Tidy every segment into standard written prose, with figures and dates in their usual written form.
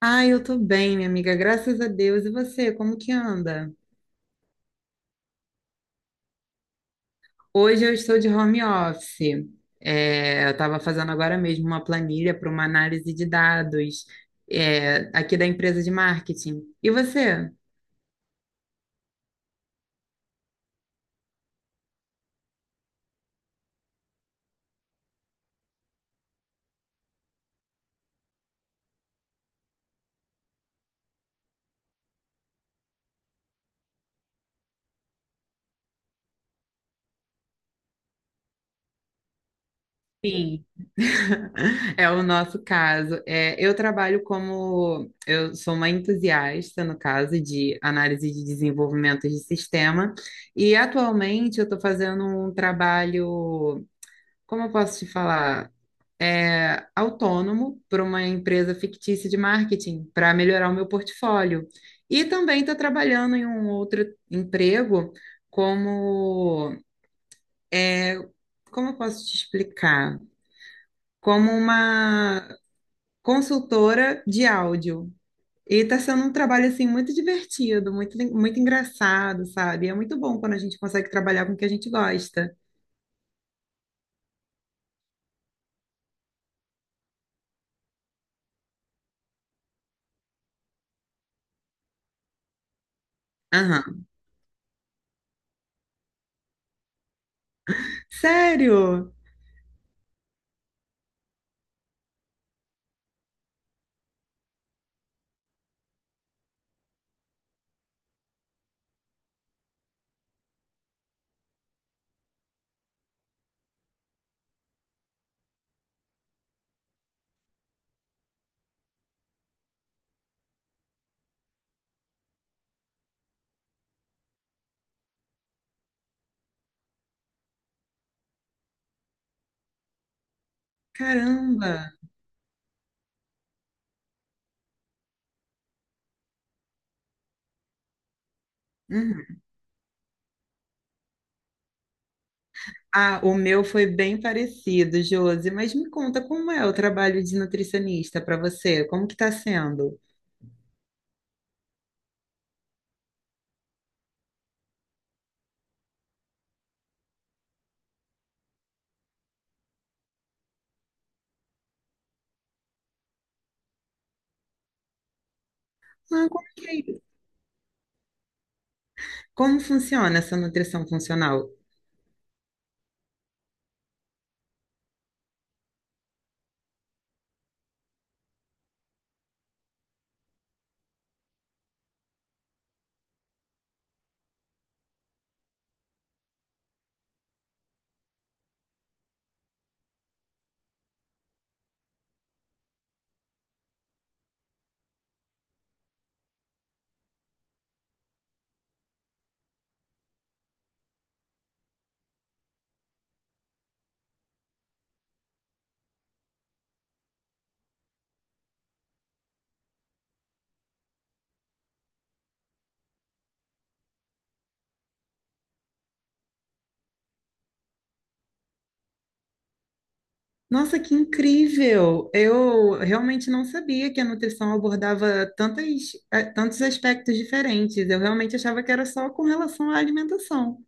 Ah, eu tô bem, minha amiga, graças a Deus. E você, como que anda? Hoje eu estou de home office. Eu estava fazendo agora mesmo uma planilha para uma análise de dados, aqui da empresa de marketing. E você? Sim. É o nosso caso. É, eu trabalho como, eu sou uma entusiasta, no caso, de análise de desenvolvimento de sistema, e atualmente eu estou fazendo um trabalho, como eu posso te falar? Autônomo para uma empresa fictícia de marketing para melhorar o meu portfólio. E também estou trabalhando em um outro emprego como, é, como eu posso te explicar? Como uma consultora de áudio. E está sendo um trabalho assim muito divertido, muito, muito engraçado, sabe? É muito bom quando a gente consegue trabalhar com o que a gente gosta. Aham. Sério? Caramba! Uhum. Ah, o meu foi bem parecido, Josi, mas me conta, como é o trabalho de nutricionista para você? Como que está sendo? Ah, como que é isso? Como funciona essa nutrição funcional? Nossa, que incrível! Eu realmente não sabia que a nutrição abordava tantas, tantos aspectos diferentes. Eu realmente achava que era só com relação à alimentação.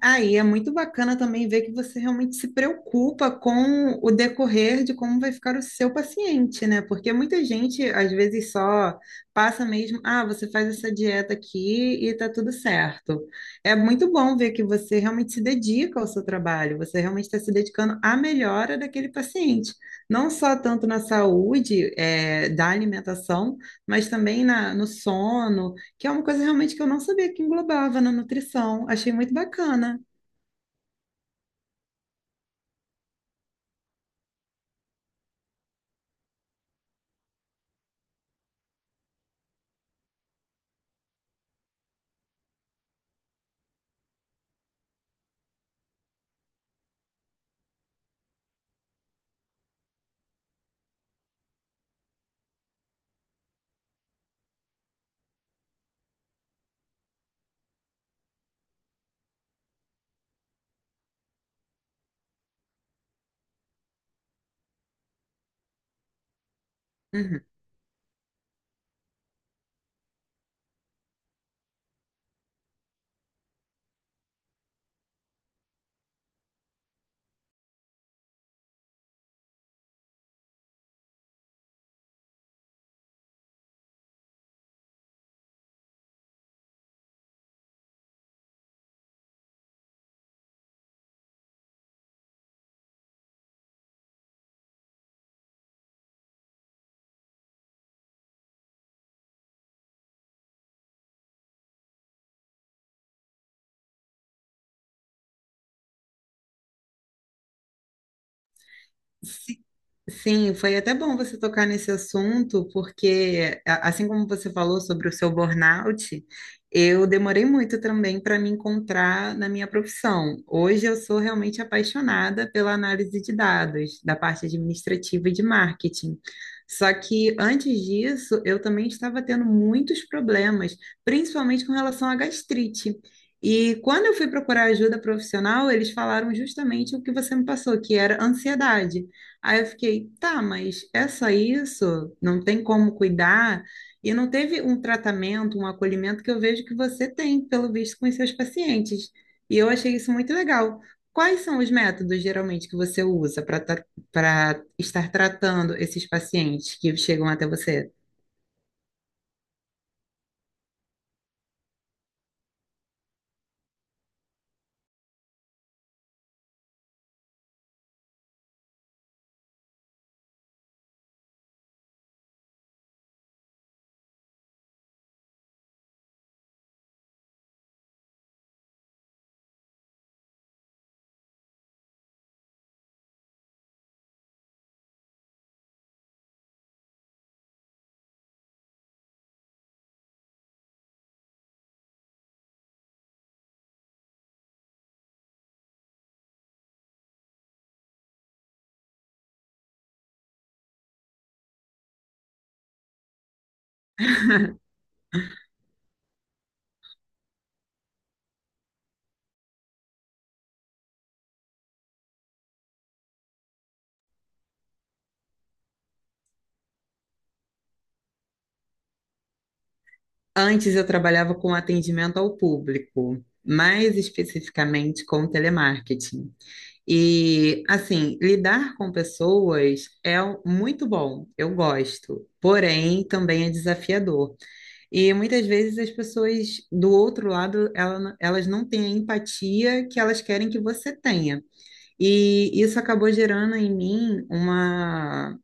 Aí é muito bacana também ver que você realmente se preocupa com o decorrer de como vai ficar o seu paciente, né? Porque muita gente, às vezes, só passa mesmo, ah, você faz essa dieta aqui e tá tudo certo. É muito bom ver que você realmente se dedica ao seu trabalho, você realmente está se dedicando à melhora daquele paciente. Não só tanto na saúde, da alimentação, mas também na, no sono, que é uma coisa realmente que eu não sabia que englobava na nutrição. Achei muito bacana. Uhum. Si- Sim, foi até bom você tocar nesse assunto, porque assim como você falou sobre o seu burnout, eu demorei muito também para me encontrar na minha profissão. Hoje eu sou realmente apaixonada pela análise de dados, da parte administrativa e de marketing. Só que antes disso, eu também estava tendo muitos problemas, principalmente com relação à gastrite. E quando eu fui procurar ajuda profissional, eles falaram justamente o que você me passou, que era ansiedade. Aí eu fiquei, tá, mas é só isso? Não tem como cuidar? E não teve um tratamento, um acolhimento que eu vejo que você tem, pelo visto, com os seus pacientes. E eu achei isso muito legal. Quais são os métodos, geralmente, que você usa para estar tratando esses pacientes que chegam até você? Antes eu trabalhava com atendimento ao público, mais especificamente com telemarketing. E, assim, lidar com pessoas é muito bom, eu gosto, porém também é desafiador. E muitas vezes as pessoas do outro lado, elas não têm a empatia que elas querem que você tenha. E isso acabou gerando em mim uma,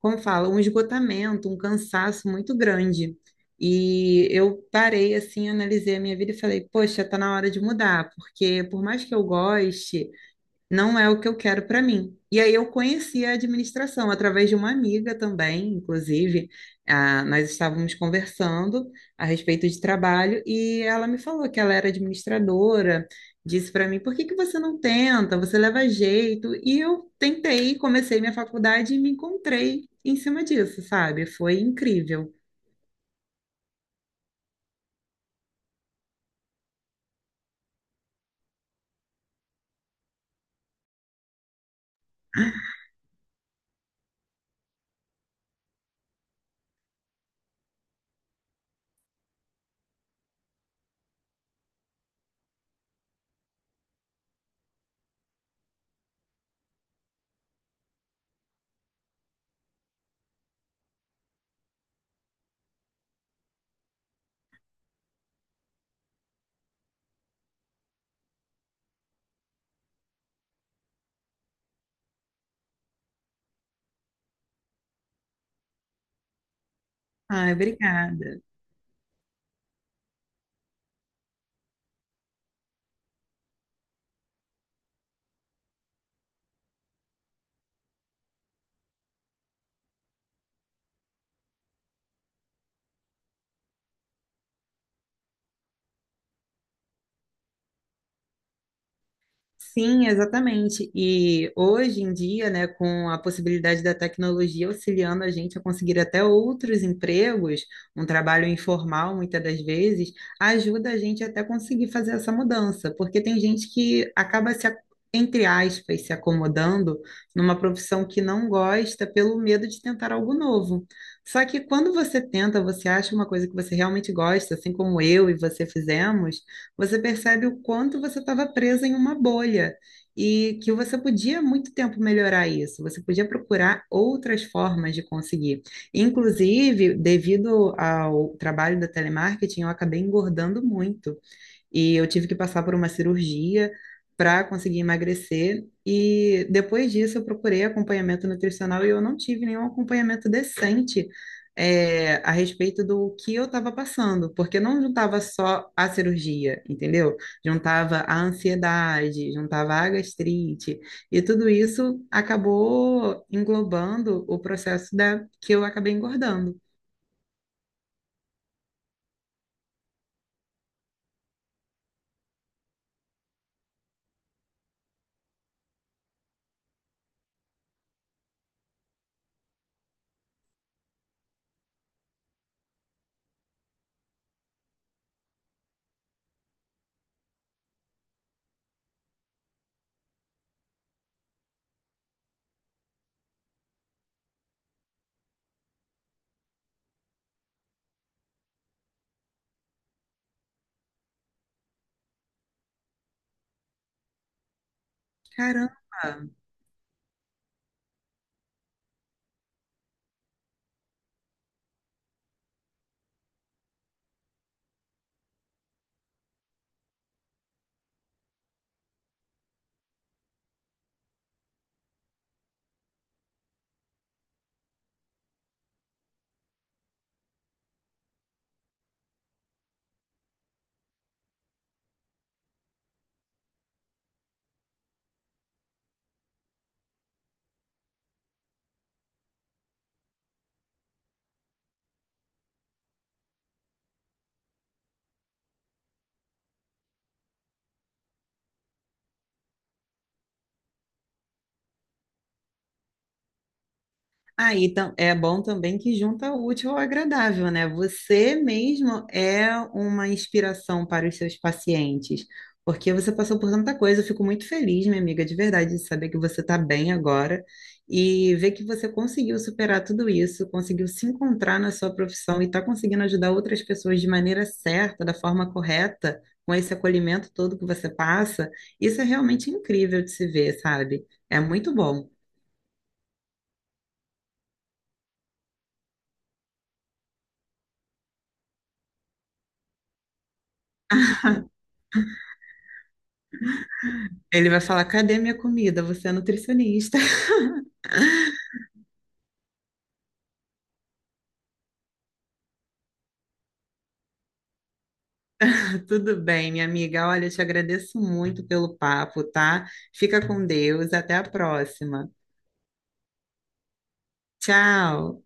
como fala, um esgotamento, um cansaço muito grande. E eu parei assim, analisei a minha vida e falei, poxa, tá na hora de mudar, porque por mais que eu goste, não é o que eu quero para mim. E aí eu conheci a administração através de uma amiga também, inclusive. Ah, nós estávamos conversando a respeito de trabalho e ela me falou que ela era administradora, disse para mim, por que que você não tenta? Você leva jeito. E eu tentei, comecei minha faculdade e me encontrei em cima disso, sabe? Foi incrível. Ai, obrigada. Sim, exatamente. E hoje em dia, né, com a possibilidade da tecnologia auxiliando a gente a conseguir até outros empregos, um trabalho informal muitas das vezes, ajuda a gente até conseguir fazer essa mudança, porque tem gente que acaba se, entre aspas, se acomodando numa profissão que não gosta pelo medo de tentar algo novo. Só que quando você tenta, você acha uma coisa que você realmente gosta, assim como eu e você fizemos, você percebe o quanto você estava presa em uma bolha e que você podia há muito tempo melhorar isso, você podia procurar outras formas de conseguir. Inclusive, devido ao trabalho da telemarketing, eu acabei engordando muito. E eu tive que passar por uma cirurgia para conseguir emagrecer. E depois disso, eu procurei acompanhamento nutricional e eu não tive nenhum acompanhamento decente, a respeito do que eu estava passando, porque não juntava só a cirurgia, entendeu? Juntava a ansiedade, juntava a gastrite, e tudo isso acabou englobando o processo da, que eu acabei engordando. Caramba! É bom também que junta o útil ao agradável, né? Você mesmo é uma inspiração para os seus pacientes, porque você passou por tanta coisa. Eu fico muito feliz, minha amiga, de verdade, de saber que você está bem agora e ver que você conseguiu superar tudo isso, conseguiu se encontrar na sua profissão e está conseguindo ajudar outras pessoas de maneira certa, da forma correta, com esse acolhimento todo que você passa. Isso é realmente incrível de se ver, sabe? É muito bom. Ele vai falar: cadê minha comida? Você é nutricionista. Tudo bem, minha amiga. Olha, eu te agradeço muito pelo papo, tá? Fica com Deus. Até a próxima. Tchau.